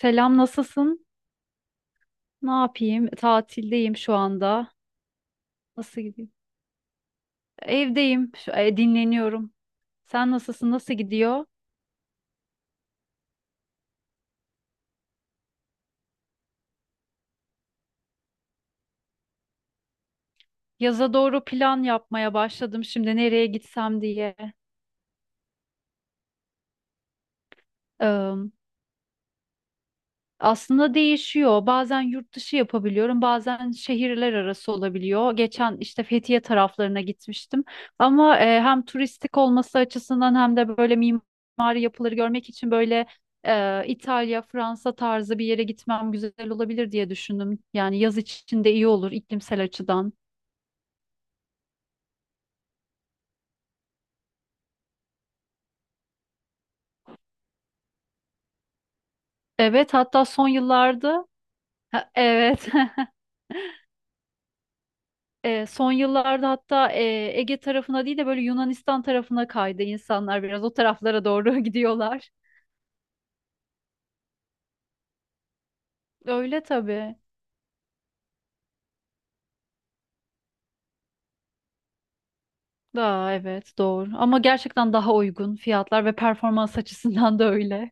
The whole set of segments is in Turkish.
Selam, nasılsın? Ne yapayım? Tatildeyim şu anda. Nasıl gideyim? Evdeyim, dinleniyorum. Sen nasılsın? Nasıl gidiyor? Yaza doğru plan yapmaya başladım şimdi nereye gitsem diye. Aslında değişiyor. Bazen yurt dışı yapabiliyorum, bazen şehirler arası olabiliyor. Geçen işte Fethiye taraflarına gitmiştim. Ama hem turistik olması açısından hem de böyle mimari yapıları görmek için böyle İtalya, Fransa tarzı bir yere gitmem güzel olabilir diye düşündüm. Yani yaz için de iyi olur iklimsel açıdan. Evet, hatta son yıllarda... Ha, evet. Son yıllarda hatta Ege tarafına değil de böyle Yunanistan tarafına kaydı insanlar, biraz o taraflara doğru gidiyorlar. Öyle tabii. Daha, evet, doğru, ama gerçekten daha uygun fiyatlar ve performans açısından da öyle.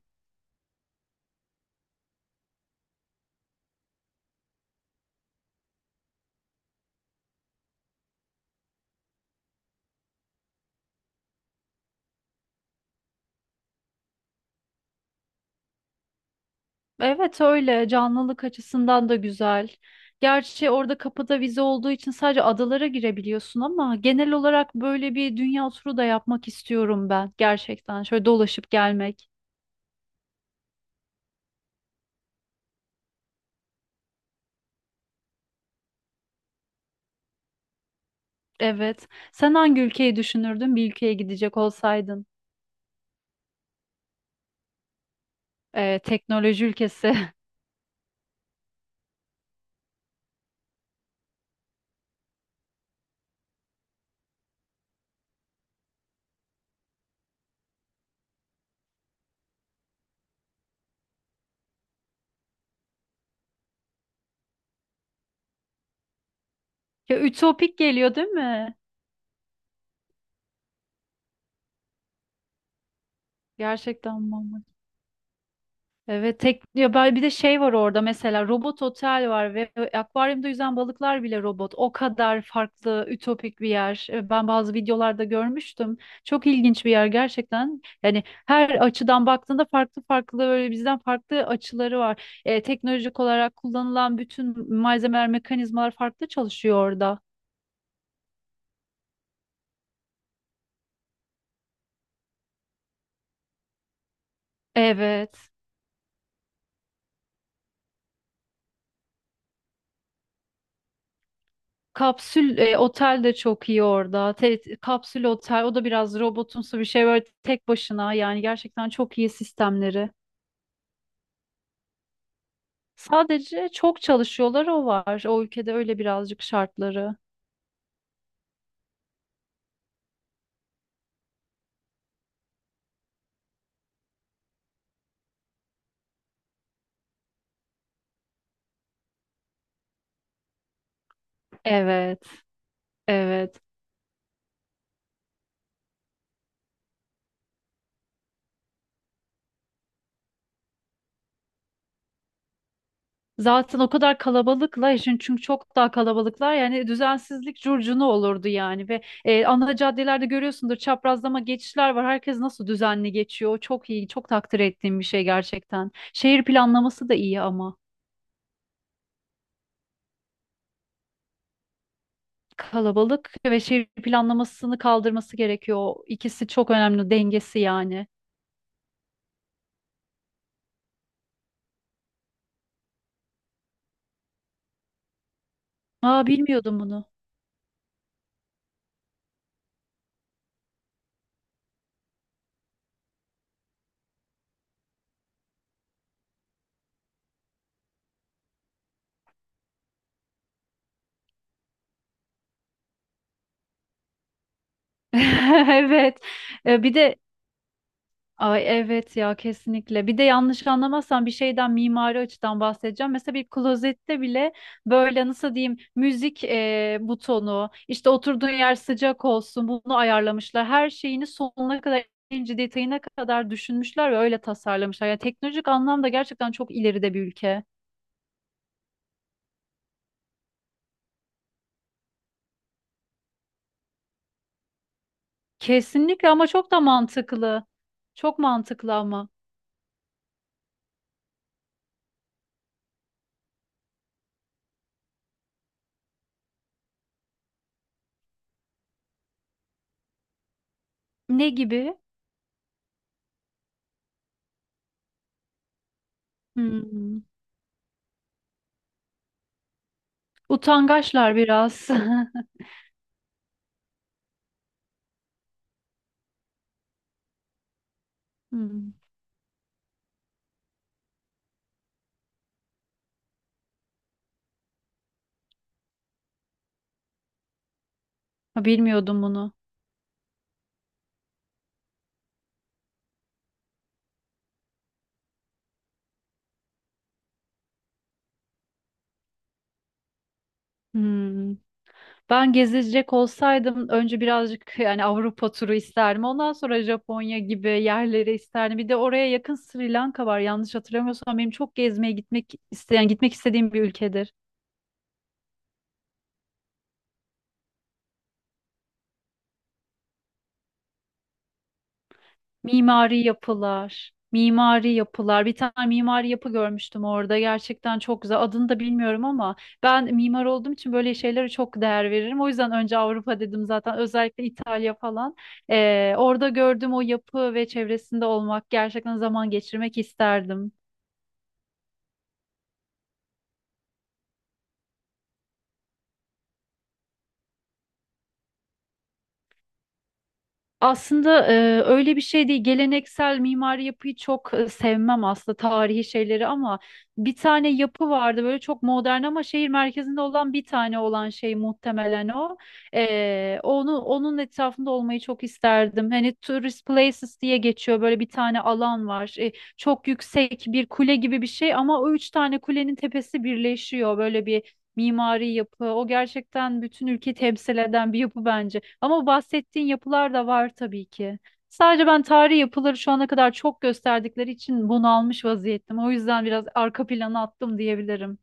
Evet, öyle canlılık açısından da güzel. Gerçi orada kapıda vize olduğu için sadece adalara girebiliyorsun ama genel olarak böyle bir dünya turu da yapmak istiyorum ben gerçekten. Şöyle dolaşıp gelmek. Evet. Sen hangi ülkeyi düşünürdün bir ülkeye gidecek olsaydın? Teknoloji ülkesi. Ya ütopik geliyor değil mi? Gerçekten bambaşka. Evet, tek ya bir de şey var orada, mesela robot otel var ve akvaryumda yüzen balıklar bile robot. O kadar farklı, ütopik bir yer. Ben bazı videolarda görmüştüm. Çok ilginç bir yer gerçekten. Yani her açıdan baktığında farklı farklı, böyle bizden farklı açıları var. Teknolojik olarak kullanılan bütün malzemeler, mekanizmalar farklı çalışıyor orada. Evet. Kapsül otel de çok iyi orada. Kapsül otel, o da biraz robotumsu bir şey, böyle tek başına, yani gerçekten çok iyi sistemleri. Sadece çok çalışıyorlar, o var. O ülkede öyle birazcık şartları. Evet, evet. Zaten o kadar kalabalıklar için, çünkü çok daha kalabalıklar, yani düzensizlik curcuna olurdu yani, ve ana caddelerde görüyorsundur, çaprazlama geçişler var. Herkes nasıl düzenli geçiyor. O çok iyi, çok takdir ettiğim bir şey gerçekten. Şehir planlaması da iyi ama. Kalabalık ve şehir planlamasını kaldırması gerekiyor. O İkisi çok önemli, dengesi yani. Aa, bilmiyordum bunu. Evet. Bir de, ay, evet ya, kesinlikle. Bir de yanlış anlamazsan bir şeyden mimari açıdan bahsedeceğim. Mesela bir klozette bile böyle, nasıl diyeyim, müzik butonu, işte oturduğun yer sıcak olsun, bunu ayarlamışlar. Her şeyini sonuna kadar, ince detayına kadar düşünmüşler ve öyle tasarlamışlar. Yani teknolojik anlamda gerçekten çok ileride bir ülke. Kesinlikle, ama çok da mantıklı. Çok mantıklı ama. Ne gibi? Hmm. Utangaçlar biraz. Hmm. Ha, bilmiyordum bunu. Hmm. Ben gezecek olsaydım önce birazcık yani Avrupa turu isterdim. Ondan sonra Japonya gibi yerleri isterdim. Bir de oraya yakın Sri Lanka var. Yanlış hatırlamıyorsam benim çok gezmeye gitmek istediğim bir ülkedir. Mimari yapılar, mimari yapılar. Bir tane mimari yapı görmüştüm orada. Gerçekten çok güzel. Adını da bilmiyorum, ama ben mimar olduğum için böyle şeylere çok değer veririm. O yüzden önce Avrupa dedim zaten. Özellikle İtalya falan. Orada gördüğüm o yapı ve çevresinde olmak, gerçekten zaman geçirmek isterdim. Aslında öyle bir şey değil. Geleneksel mimari yapıyı çok sevmem aslında, tarihi şeyleri, ama bir tane yapı vardı, böyle çok modern ama şehir merkezinde olan bir tane olan şey, muhtemelen o. Onun etrafında olmayı çok isterdim. Hani tourist places diye geçiyor, böyle bir tane alan var. Çok yüksek bir kule gibi bir şey, ama o üç tane kulenin tepesi birleşiyor, böyle bir mimari yapı. O gerçekten bütün ülkeyi temsil eden bir yapı bence. Ama bahsettiğin yapılar da var tabii ki. Sadece ben tarihi yapıları şu ana kadar çok gösterdikleri için bunalmış vaziyettim. O yüzden biraz arka plana attım diyebilirim.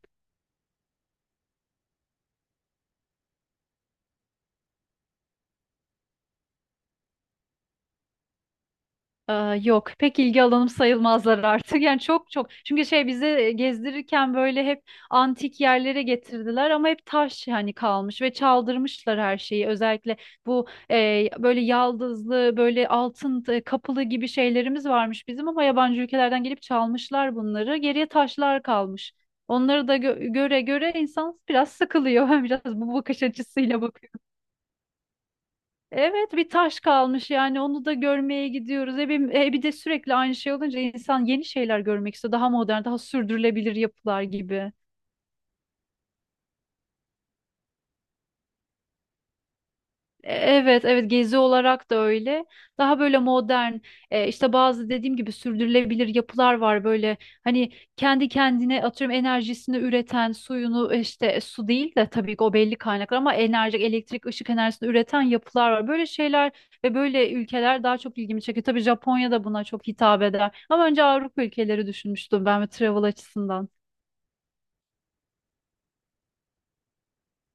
Ee, Yok, pek ilgi alanım sayılmazlar artık yani, çok çünkü şey, bize gezdirirken böyle hep antik yerlere getirdiler, ama hep taş hani kalmış ve çaldırmışlar her şeyi, özellikle bu böyle yaldızlı, böyle altın kapılı gibi şeylerimiz varmış bizim, ama yabancı ülkelerden gelip çalmışlar bunları, geriye taşlar kalmış, onları da göre göre insan biraz sıkılıyor biraz bu bakış açısıyla bakıyor. Evet, bir taş kalmış yani, onu da görmeye gidiyoruz. Bir de sürekli aynı şey olunca insan yeni şeyler görmek istiyor. Daha modern, daha sürdürülebilir yapılar gibi. Evet, evet, gezi olarak da öyle. Daha böyle modern, işte bazı dediğim gibi sürdürülebilir yapılar var böyle. Hani kendi kendine, atıyorum, enerjisini üreten, işte su değil de tabii ki, o belli kaynaklar, ama enerji, elektrik, ışık enerjisini üreten yapılar var. Böyle şeyler ve böyle ülkeler daha çok ilgimi çekiyor. Tabii Japonya da buna çok hitap eder. Ama önce Avrupa ülkeleri düşünmüştüm ben, ve travel açısından.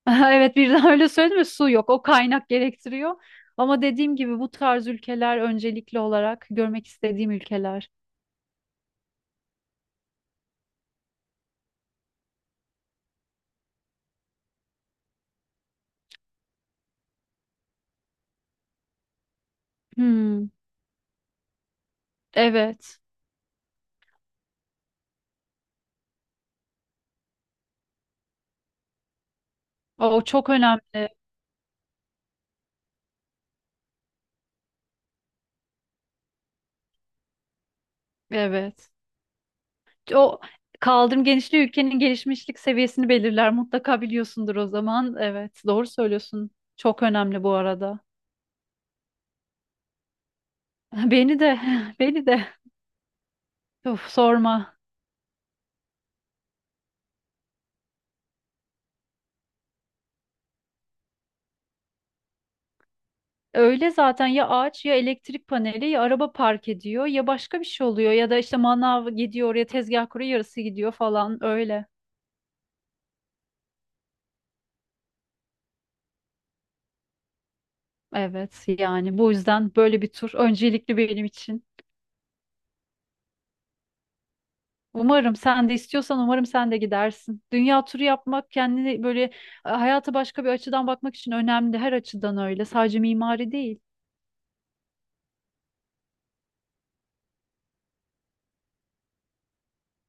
Evet, birden öyle söyledim ve su yok. O kaynak gerektiriyor. Ama dediğim gibi bu tarz ülkeler öncelikli olarak görmek istediğim ülkeler. Hmm, evet. O çok önemli. Evet. O kaldırım genişliği ülkenin gelişmişlik seviyesini belirler. Mutlaka biliyorsundur o zaman. Evet, doğru söylüyorsun. Çok önemli bu arada. Beni de, beni de. Of, sorma. Öyle zaten, ya ağaç, ya elektrik paneli, ya araba park ediyor, ya başka bir şey oluyor, ya da işte manav gidiyor oraya tezgah kuruyor, yarısı gidiyor falan, öyle. Evet, yani bu yüzden böyle bir tur öncelikli benim için. Umarım sen de istiyorsan, umarım sen de gidersin. Dünya turu yapmak, kendini böyle, hayata başka bir açıdan bakmak için önemli, her açıdan öyle, sadece mimari değil.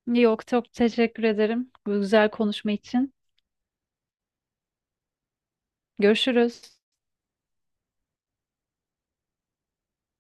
Yok, çok teşekkür ederim bu güzel konuşma için. Görüşürüz.